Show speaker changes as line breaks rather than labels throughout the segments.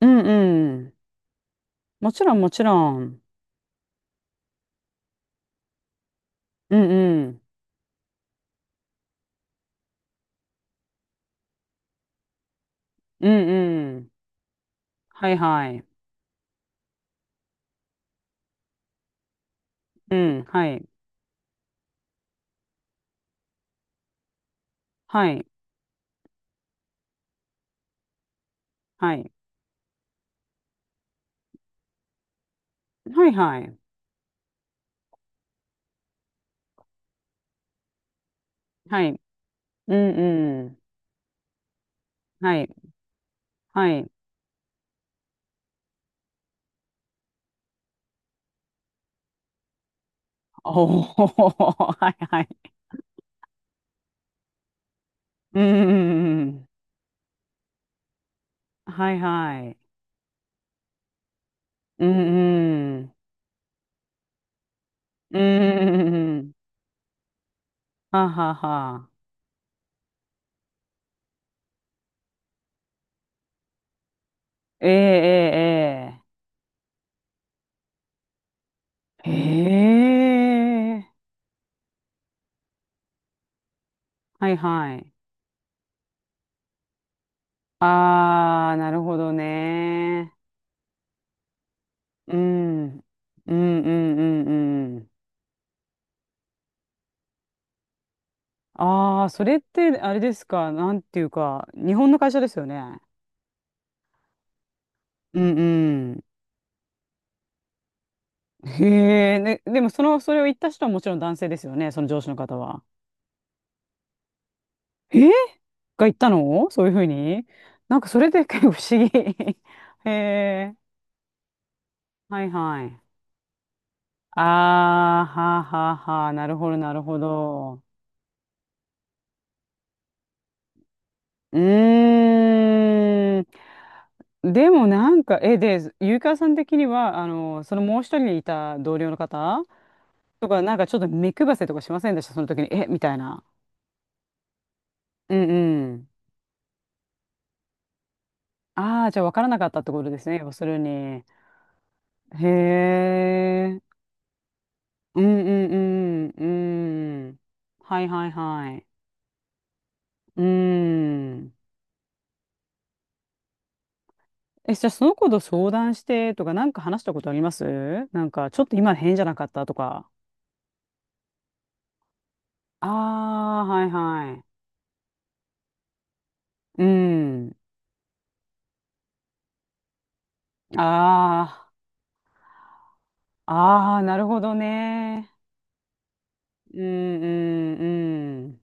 うんうん。もちろんもちろん。うんうん。うんうん。はいはい。うん。はい。はい。はい。はいはい。はい。うんうん。はい。はい。おお。はいはい。うんうんうん。はいはい。うんうんはいはいおはいはいうんうんうん。ははは。ええええ。ええ。ええはいはい。ああ、なるほどね。うん、うんうんうんうん。ああ、それってあれですか、なんていうか、日本の会社ですよね。うんうん。へえ、ね、でもその、それを言った人はもちろん男性ですよね、その上司の方は。えーが言ったのそういうふうに、なんかそれで結構不思議。へえ、はいはい。ああ、はあはあはあ、なるほどなるほど。うーん。でもなんか、え、で、ゆうかわさん的には、あの、そのもう一人いた同僚の方とか、なんかちょっと目配せとかしませんでした、その時に。え、みたいな。うんうん。ああ、じゃあ分からなかったってことですね、要するに。へえ。うんうんうん。うん。はいはいはい。うん。え、じゃあその子と相談してとか、なんか話したことありますなんか、ちょっと今変じゃなかったとか。ああ、はいはい。うん。ああ、ああ、なるほどね。うん、うん、うん。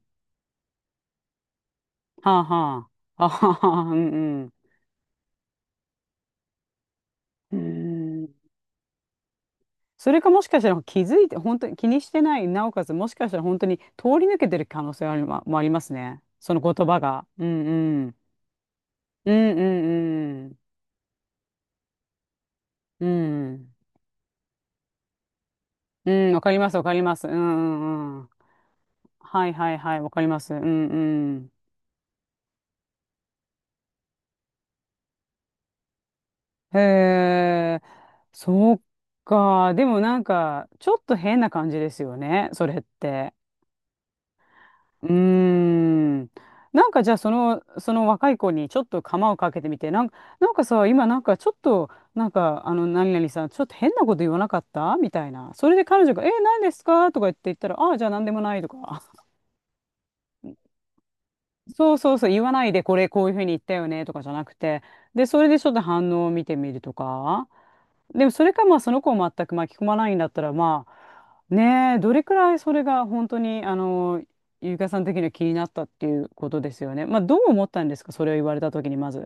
はあ、はあ。あはは、うん、うん。うん。それかもしかしたら気づいて、本当に気にしてない、なおかつもしかしたら本当に通り抜けてる可能性ありま、もありますね。その言葉が。うん、うん。うん、うん、うん。うん。うん、わかります、わかります。うん、うん、うん。はい、はい、はい、わかります。うん、うん。へえ、そうか。でもなんか、ちょっと変な感じですよね、それって。うーん。なんかじゃあ、その、その若い子にちょっと釜をかけてみて、なんか、なんかさ、今なんかちょっと、なんか、あの、何々さん、ちょっと変なこと言わなかったみたいな。それで彼女が、え、何ですかとか言って言ったら、ああ、じゃあ何でもないとか。そうそうそう、言わないで、これこういうふうに言ったよね、とかじゃなくて。で、それでちょっと反応を見てみるとか。でもそれかまあその子を全く巻き込まないんだったら、まあねえ、どれくらいそれが本当にあの、ゆうかさん的には気になったっていうことですよね。まあどう思ったんですか、それを言われた時にまず。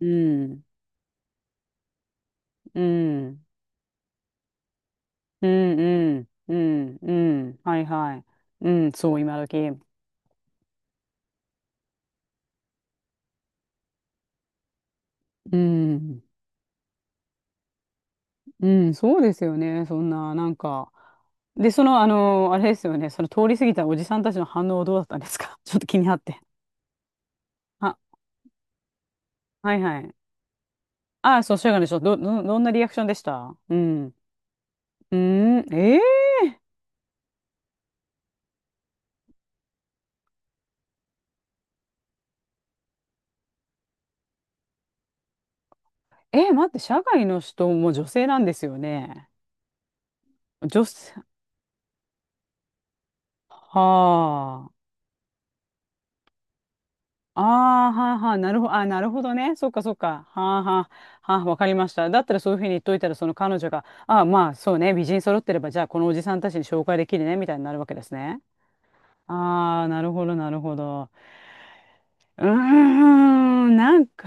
うん。うん。うんうんうん、はいはい、うんそう今時、うんうん、そうですよね。そんななんか、でそのあのあれですよね、その通り過ぎたおじさんたちの反応はどうだったんですか。 ちょっと気になって。あ、はいはい。ああ、そう、社外の人、ど、ど、どんなリアクションでした。うん。うーん、えー、えー、待って、社外の人も女性なんですよね。女性、はあ。ああ、はあ、はあ、なるほど、あー、なるほどね。そっか、そっか。はあ、はあ、はあ、わかりました。だったらそういうふうに言っといたら、その彼女が、ああ、まあ、そうね、美人揃ってれば、じゃあ、このおじさんたちに紹介できるね、みたいになるわけですね。ああ、なるほど、なるほど。うーん、なんか、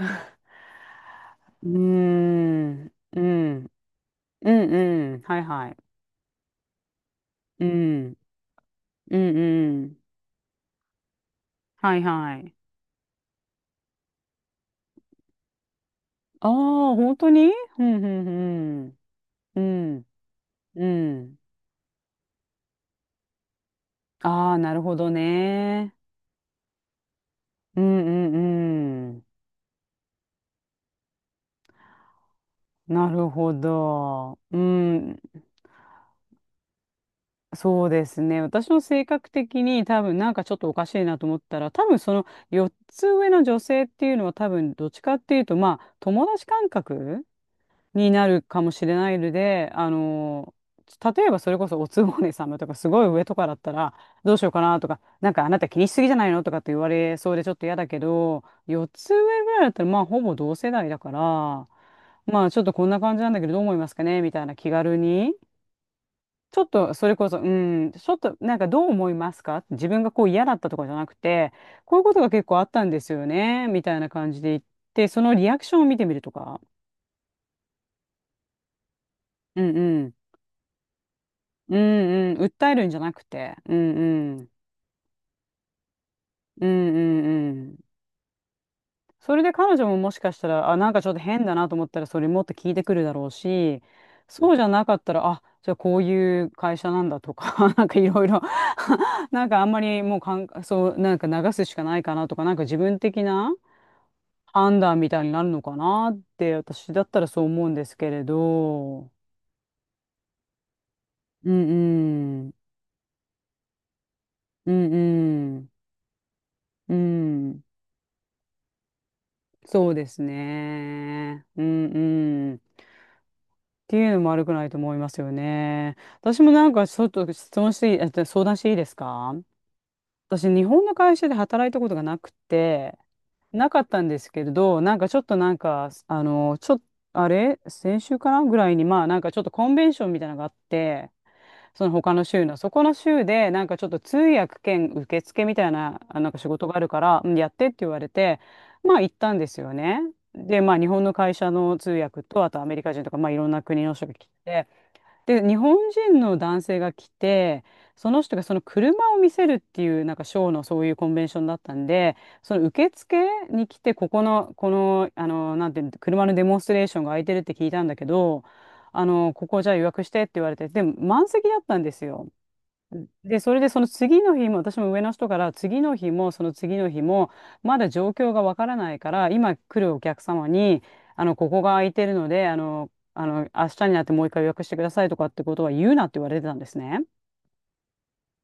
うーん、うん、うん、うん、はいはい。うん、うん、うん。はいはい。ああ、本当に。うん、うん、うん。うん、うん。ああ、なるほどね。うん、うん、うん。なるほど。うん、そうですね。私の性格的に多分なんかちょっとおかしいなと思ったら、多分その4つ上の女性っていうのは多分どっちかっていうと、まあ、友達感覚になるかもしれないので、あの、例えばそれこそおつぼね様とかすごい上とかだったらどうしようかなとか、なんかあなた気にしすぎじゃないのとかって言われそうでちょっと嫌だけど、4つ上ぐらいだったらまあほぼ同世代だから、まあちょっとこんな感じなんだけどどう思いますかねみたいな気軽に。ちょっとそれこそ、うん、ちょっとなんかどう思いますか、自分がこう嫌だったとかじゃなくて、こういうことが結構あったんですよね、みたいな感じで言って、そのリアクションを見てみるとか。うんうんうんうん、訴えるんじゃなくて、うんうん、うんうんうん。それで彼女ももしかしたら、あ、なんかちょっと変だなと思ったら、それもっと聞いてくるだろうし、そうじゃなかったら、あ、じゃあこういう会社なんだとか、なんかいろいろ、 なんかあんまりもうかん、そう、なんか流すしかないかなとか、なんか自分的な判断みたいになるのかなって、私だったらそう思うんですけれど。うんうん、うんうん、うん。そうですね。うんうん。っていうのも悪くないと思いますよね。私もなんかちょっと質問していい、相談していいですか。私、日本の会社で働いたことがなくて、なかったんですけれど、なんかちょっとなんか、あの、ちょっと、あれ先週かなぐらいに、まあなんかちょっとコンベンションみたいなのがあって、その他の州の。そこの州で、なんかちょっと通訳兼受付みたいな、あ、なんか仕事があるから、うんやってって言われて、まあ行ったんですよね。で、まあ日本の会社の通訳と、あとアメリカ人とか、まあいろんな国の人が来て、で、日本人の男性が来て、その人がその車を見せるっていう、なんかショーのそういうコンベンションだったんで、その受付に来て、ここの、この、あの、なんていうの、車のデモンストレーションが空いてるって聞いたんだけど、あの、ここじゃあ予約してって言われて、でも満席だったんですよ。で、それでその次の日も、私も上の人から次の日もその次の日も、まだ状況がわからないから、今来るお客様に、あの、ここが空いてるので、あの、あの、明日になってもう一回予約してくださいとかってことは言うなって言われてたんですね。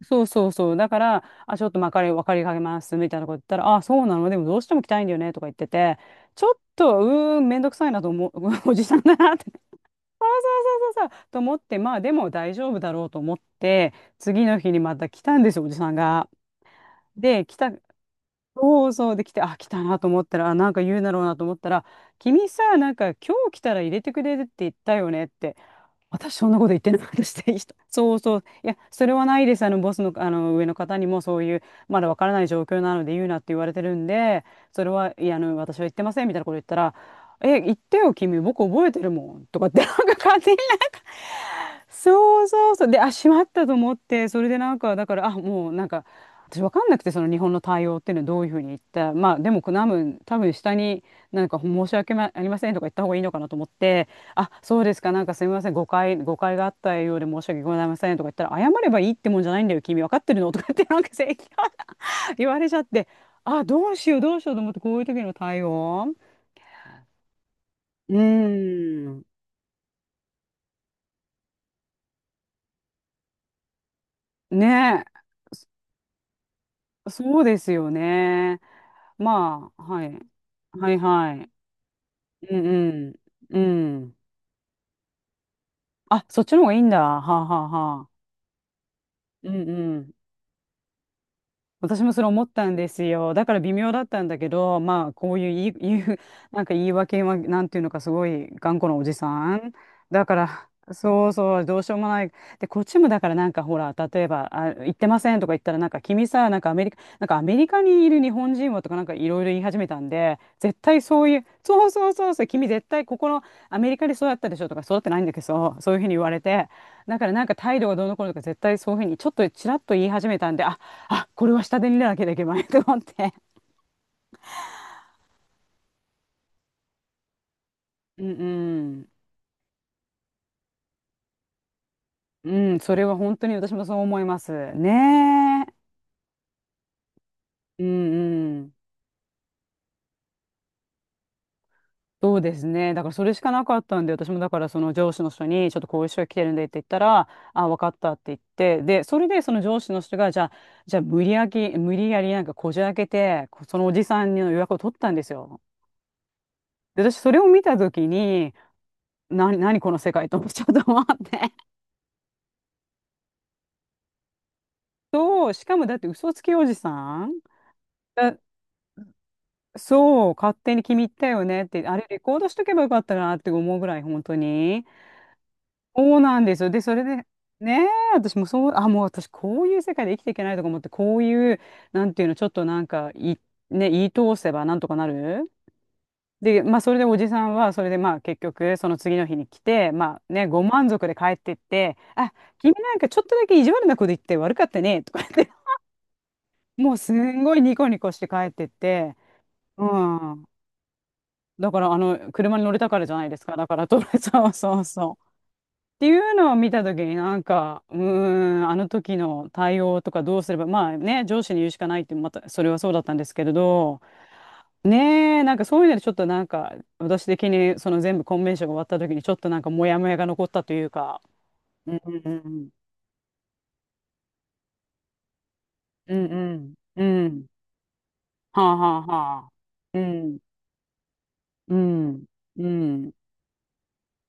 そうそうそう。だから、あ、ちょっとまかり、わかりかけますみたいなこと言ったら、あ、そうなの、でもどうしても来たいんだよねとか言ってて、ちょっと、うーん、めんどくさいなと思う、おじさんだなって。そうそうそうそう、と思って、まあでも大丈夫だろうと思って、次の日にまた来たんですよ、おじさんが。で、来た、そうそうで来て、あ、来たなと思ったら、あ、なんか言うだろうなと思ったら、君さ、なんか今日来たら入れてくれるって言ったよねって。私そんなこと言ってなかったしていい人。そうそう。いや、それはないです。ボスの、上の方にもそういう、まだわからない状況なので言うなって言われてるんで、それは、いや、私は言ってませんみたいなこと言ったら、え、言ってよ、君、僕覚えてるもん。とかって、なんか勝手になんか、そうそうそう。で、あ、しまったと思って、それでなんか、だから、あ、もうなんか、私わかんなくて、その日本の対応っていうのはどういうふうに言った。まあ、でも、多分下に、なんか申し訳まありませんとか言った方がいいのかなと思って、あ、そうですか。なんかすみません。誤解があったようで申し訳ございませんとか言ったら、謝ればいいってもんじゃないんだよ。君分かってるのとか言って、なんか正義感 言われちゃって、あ、どうしようと思って、こういう時の対応。うーん。ねえ。そそうですよね。まあ、はい。はいはい。うんうん。うん。あ、そっちの方がいいんだ。はあはあはあ。うんうん。私もそれ思ったんですよ。だから微妙だったんだけど、まあ、こういう言う、なんか言い訳は、なんていうのか、すごい頑固なおじさん。だから、そうそう、どうしようもない。で、こっちもだからなんかほら、例えば、あ、行ってませんとか言ったら、なんか君さ、なんかアメリカにいる日本人はとかなんかいろいろ言い始めたんで、絶対そういう、そうそうそうそう、君絶対ここのアメリカで育ったでしょとか、育ってないんだけど、そういうふうに言われて、だからなんか態度がどうのこうのとか絶対そういうふうにちょっとちらっと言い始めたんで、ああ、これは下で見なきゃいけないと思って。うんうん。うん、それは本当に私もそう思います。ねえ。うんうん。そうですね。だからそれしかなかったんで、私もだからその上司の人に、ちょっとこういう人が来てるんでって言ったら、あ、分かったって言って、で、それでその上司の人が、じゃあ無理やりなんかこじ開けて、こそのおじさんの予約を取ったんですよ。で、私それを見たときに、何この世界と思っちゃったと思って。そう、しかもだって嘘つきおじさんそう、勝手に気に入ったよねって、あれレコードしとけばよかったなって思うぐらい、本当に。そうなんですよ。で、それで、ねえ、私もそう、あ、もう私こういう世界で生きていけないとか思って、こういう、なんていうの、ちょっとなんか、い、ね、言い通せばなんとかなる。で、まあ、それでおじさんは、それでまあ、結局、その次の日に来て、まあね、ご満足で帰ってって、あ、君なんかちょっとだけ意地悪なこと言って悪かったね、とか言って、もうすんごいニコニコして帰ってって、うん。だから、あの、車に乗れたからじゃないですか。だから、トラ そうそうそう。っていうのを見たときになんか、あの時の対応とかどうすれば、まあね、上司に言うしかないって、また、それはそうだったんですけれど、ねえ、なんかそういうのでちょっとなんか、私的にその全部コンベンションが終わった時にちょっとなんかモヤモヤが残ったというか、うんうんうん、うんうん、うん、はあはあはあ、うん、うん、うん。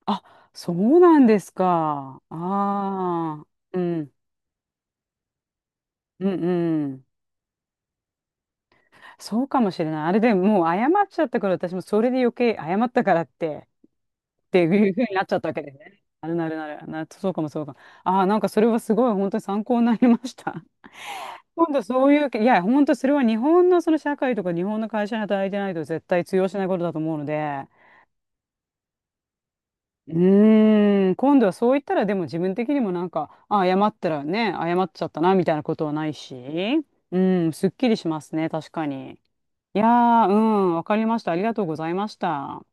あ、そうなんですか。ああ、うん。うんうん。そうかもしれない。あれでもう謝っちゃったから、私もそれで余計謝ったからって、っていうふうになっちゃったわけでね。なるなるなる。そうかもそうかも。ああ、なんかそれはすごい本当に参考になりました。今度そういう、いや、本当それは日本のその社会とか日本の会社に働いてないと絶対通用しないことだと思うので、今度はそう言ったらでも自分的にもなんか、あ、謝ったらね、謝っちゃったなみたいなことはないし、うん、すっきりしますね、確かに。いやー、うん、わかりました。ありがとうございました。